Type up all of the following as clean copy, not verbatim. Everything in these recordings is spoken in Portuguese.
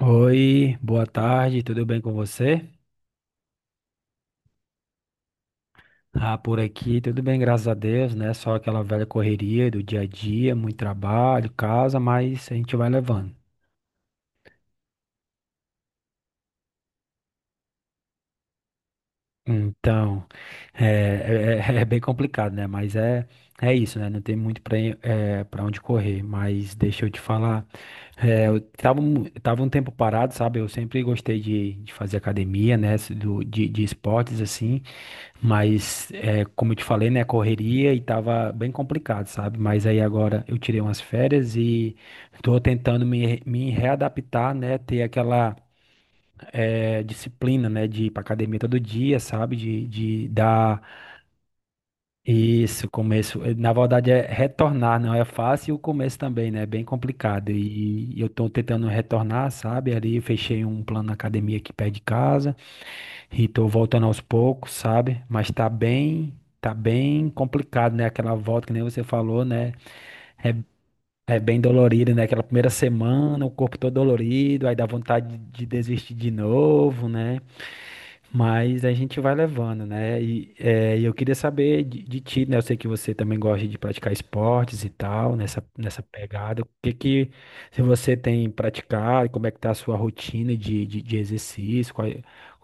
Oi, boa tarde, tudo bem com você? Ah, por aqui, tudo bem, graças a Deus, né? Só aquela velha correria do dia a dia, muito trabalho, casa, mas a gente vai levando. Então, é bem complicado, né? É isso, né? Não tem muito para para onde correr. Mas deixa eu te falar, eu tava, tava um tempo parado, sabe? Eu sempre gostei de fazer academia, né? De esportes, assim. Como eu te falei, né, correria e tava bem complicado, sabe? Mas aí agora eu tirei umas férias e tô tentando me readaptar, né? Ter aquela disciplina, né, de ir pra academia todo dia, sabe? De dar isso, começo. Na verdade é retornar, não é fácil e o começo também, né? É bem complicado. E eu tô tentando retornar, sabe? Ali eu fechei um plano na academia aqui perto de casa. E tô voltando aos poucos, sabe? Tá bem complicado, né? Aquela volta que nem você falou, né? É, é bem dolorido, né? Aquela primeira semana, o corpo todo dolorido, aí dá vontade de desistir de novo, né? Mas a gente vai levando, né? E eu queria saber de ti, né? Eu sei que você também gosta de praticar esportes e tal, nessa pegada. O que que se você tem praticado, como é que tá a sua rotina de exercício,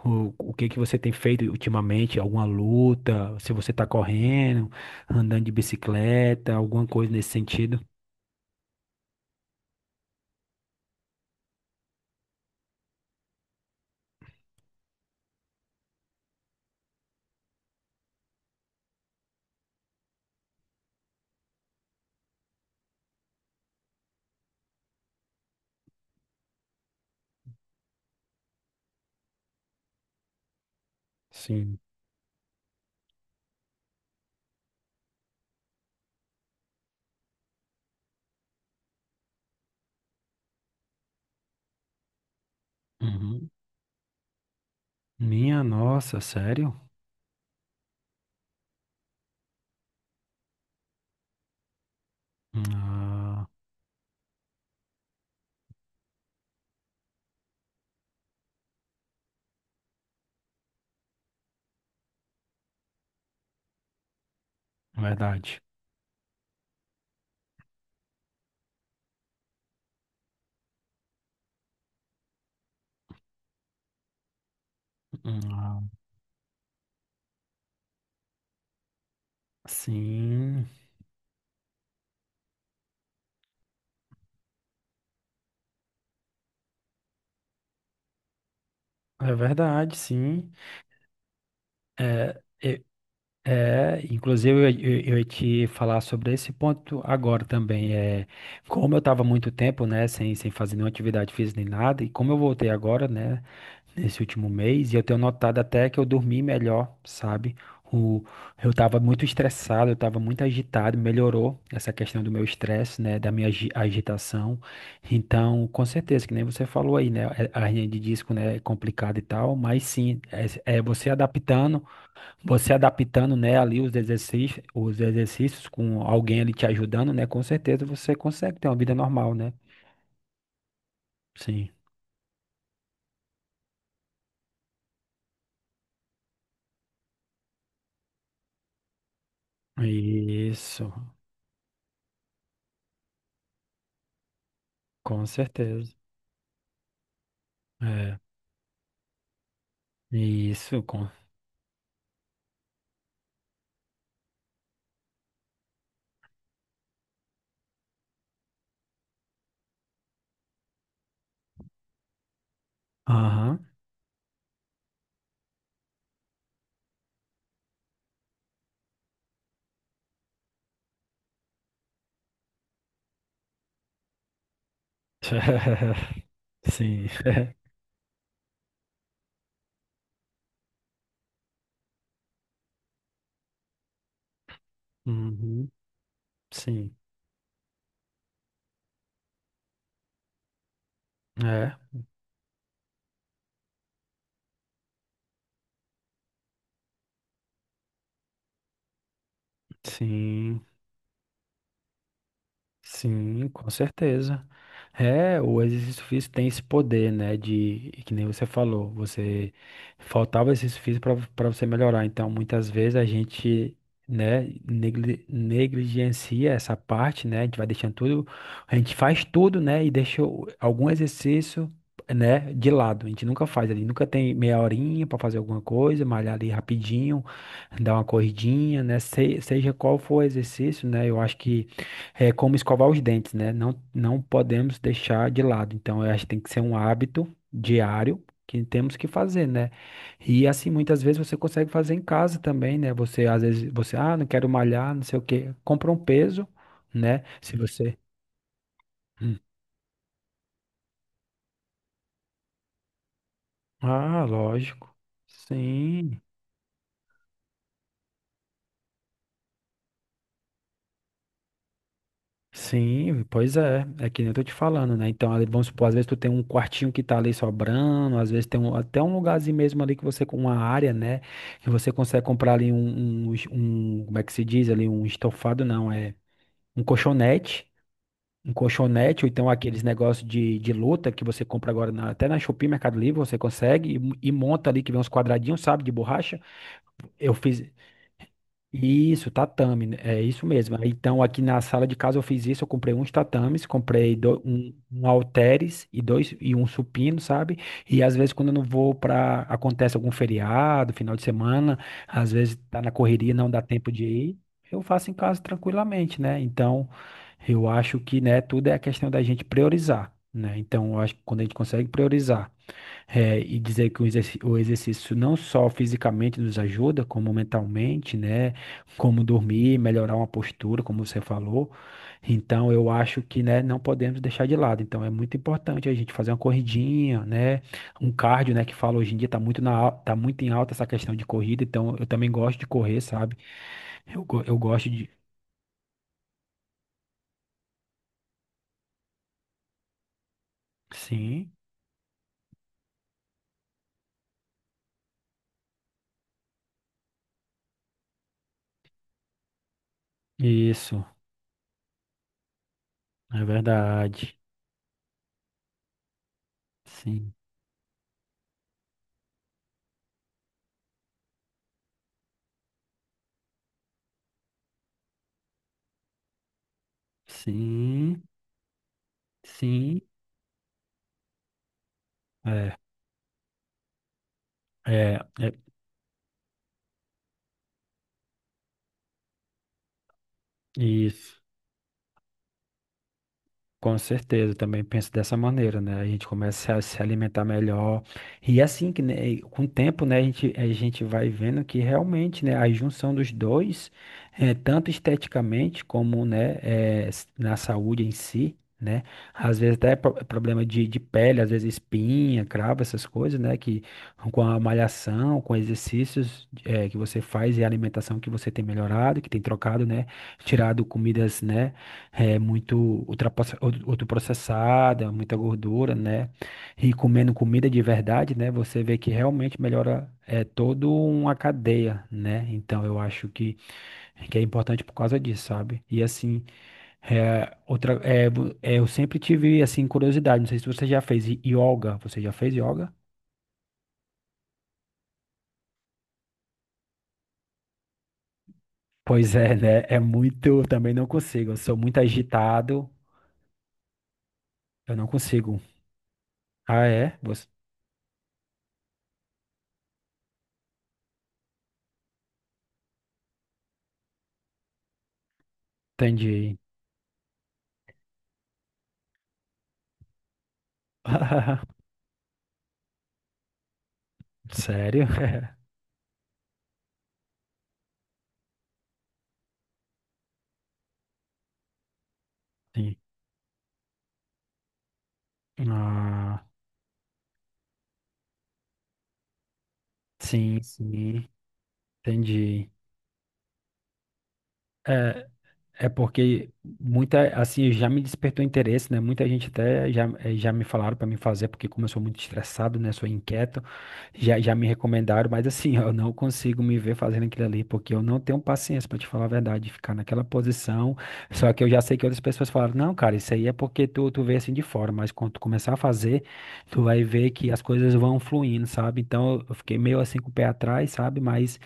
o que que você tem feito ultimamente, alguma luta, se você tá correndo, andando de bicicleta, alguma coisa nesse sentido? Sim. Uhum. Minha nossa, sério? Ah, verdade. Ah, sim. É verdade, sim. É, é, inclusive, eu ia te falar sobre esse ponto agora também. É, como eu estava muito tempo, né, sem fazer nenhuma atividade física nem nada, e como eu voltei agora, né, nesse último mês e eu tenho notado até que eu dormi melhor, sabe? O, eu estava muito estressado, eu estava muito agitado, melhorou essa questão do meu estresse, né, da minha agitação. Então, com certeza, que nem você falou aí, né, é- a hernia de disco, né, é complicada e tal, mas sim, é você adaptando, né, ali os exercícios com alguém ali te ajudando, né, com certeza você consegue ter uma vida normal, né? Sim. Isso, com certeza. É. Isso, com. Aham. Sim. Uhum. Sim. É. Sim. Sim, com certeza. É, o exercício físico tem esse poder, né, de, que nem você falou, você faltava exercício físico para você melhorar. Então, muitas vezes a gente, né, negligencia essa parte, né, a gente vai deixando tudo, a gente faz tudo, né, e deixa algum exercício, né, de lado. A gente nunca faz ali, nunca tem meia horinha para fazer alguma coisa, malhar ali rapidinho, dar uma corridinha, né, seja qual for o exercício, né, eu acho que é como escovar os dentes, né? Não podemos deixar de lado. Então, eu acho que tem que ser um hábito diário que temos que fazer, né? E assim, muitas vezes você consegue fazer em casa também, né? Você, às vezes, você, ah, não quero malhar, não sei o quê. Compra um peso, né? Se você. Hum. Ah, lógico. Sim. Sim, pois é, é que nem eu tô te falando, né? Então, ali, vamos supor, às vezes tu tem um quartinho que tá ali sobrando, às vezes tem até um lugarzinho mesmo ali que você, com uma área, né? Que você consegue comprar ali como é que se diz ali, um estofado, não, é um colchonete, ou então aqueles negócios de luta que você compra agora até na Shopee, Mercado Livre, você consegue e monta ali, que vem uns quadradinhos, sabe, de borracha. Eu fiz. Isso, tatame, né? É isso mesmo. Então, aqui na sala de casa eu fiz isso, eu comprei uns tatames, um halteres e dois e um supino, sabe? E às vezes quando eu não vou para acontece algum feriado, final de semana, às vezes tá na correria, não dá tempo de ir, eu faço em casa tranquilamente, né? Então, eu acho que, né, tudo é a questão da gente priorizar, né? Então, eu acho que quando a gente consegue priorizar é, e dizer que o o exercício não só fisicamente nos ajuda, como mentalmente, né? Como dormir, melhorar uma postura, como você falou. Então, eu acho que, né, não podemos deixar de lado. Então, é muito importante a gente fazer uma corridinha, né? Um cardio, né, que fala hoje em dia tá muito na, tá muito em alta essa questão de corrida. Então, eu também gosto de correr, sabe? Eu gosto de. Sim, isso, é verdade. Sim, sim, sim. É, é, é isso. Com certeza, eu também penso dessa maneira, né? A gente começa a se alimentar melhor. E é assim que, né, com o tempo, né, a gente vai vendo que realmente, né, a junção dos dois, tanto esteticamente como, né, na saúde em si, né? Às vezes até problema de pele, às vezes espinha, cravo, essas coisas, né? Que com a malhação, com exercícios, que você faz e a alimentação que você tem melhorado, que tem trocado, né? Tirado comidas, né? É muito ultraprocessada, muita gordura, né? E comendo comida de verdade, né? Você vê que realmente melhora é toda uma cadeia, né? Então eu acho que é importante por causa disso, sabe? E assim, é, outra, é, vo- é, eu sempre tive assim curiosidade. Não sei se você já fez yoga. Você já fez yoga? Pois é, né? É muito. Eu também não consigo. Eu sou muito agitado. Eu não consigo. Ah, é? Você... Entendi. Sério? Sim. Ah, sim, entendi. É, É porque muita, assim, já me despertou interesse, né? Muita gente até já, já me falaram para mim fazer, porque como eu sou muito estressado, né? Sou inquieto, já me recomendaram, mas assim, eu não consigo me ver fazendo aquilo ali, porque eu não tenho paciência, para te falar a verdade, de ficar naquela posição. Só que eu já sei que outras pessoas falaram, não, cara, isso aí é porque tu vê assim de fora, mas quando tu começar a fazer, tu vai ver que as coisas vão fluindo, sabe? Então eu fiquei meio assim com o pé atrás, sabe? Mas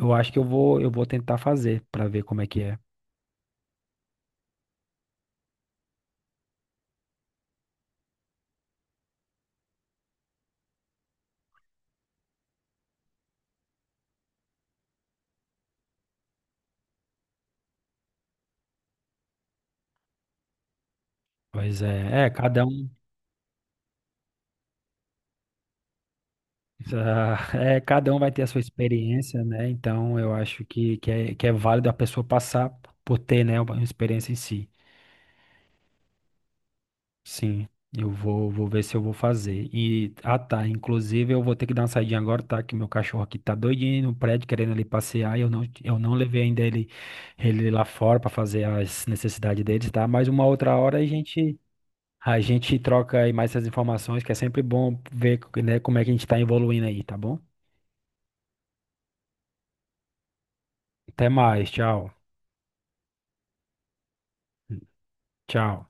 eu acho que eu vou tentar fazer para ver como é que é. Pois é, é, cada um, é, cada um vai ter a sua experiência, né? Então eu acho que é válido a pessoa passar por ter, né, uma experiência em si. Sim, vou ver se eu vou fazer. E, ah tá, inclusive eu vou ter que dar uma saidinha agora, tá? Que meu cachorro aqui tá doidinho no prédio, querendo ali passear, e eu não levei ainda ele, ele lá fora pra fazer as necessidades deles, tá? Mas uma outra hora a gente. A gente troca aí mais essas informações, que é sempre bom ver, né, como é que a gente tá evoluindo aí, tá bom? Até mais, tchau. Tchau.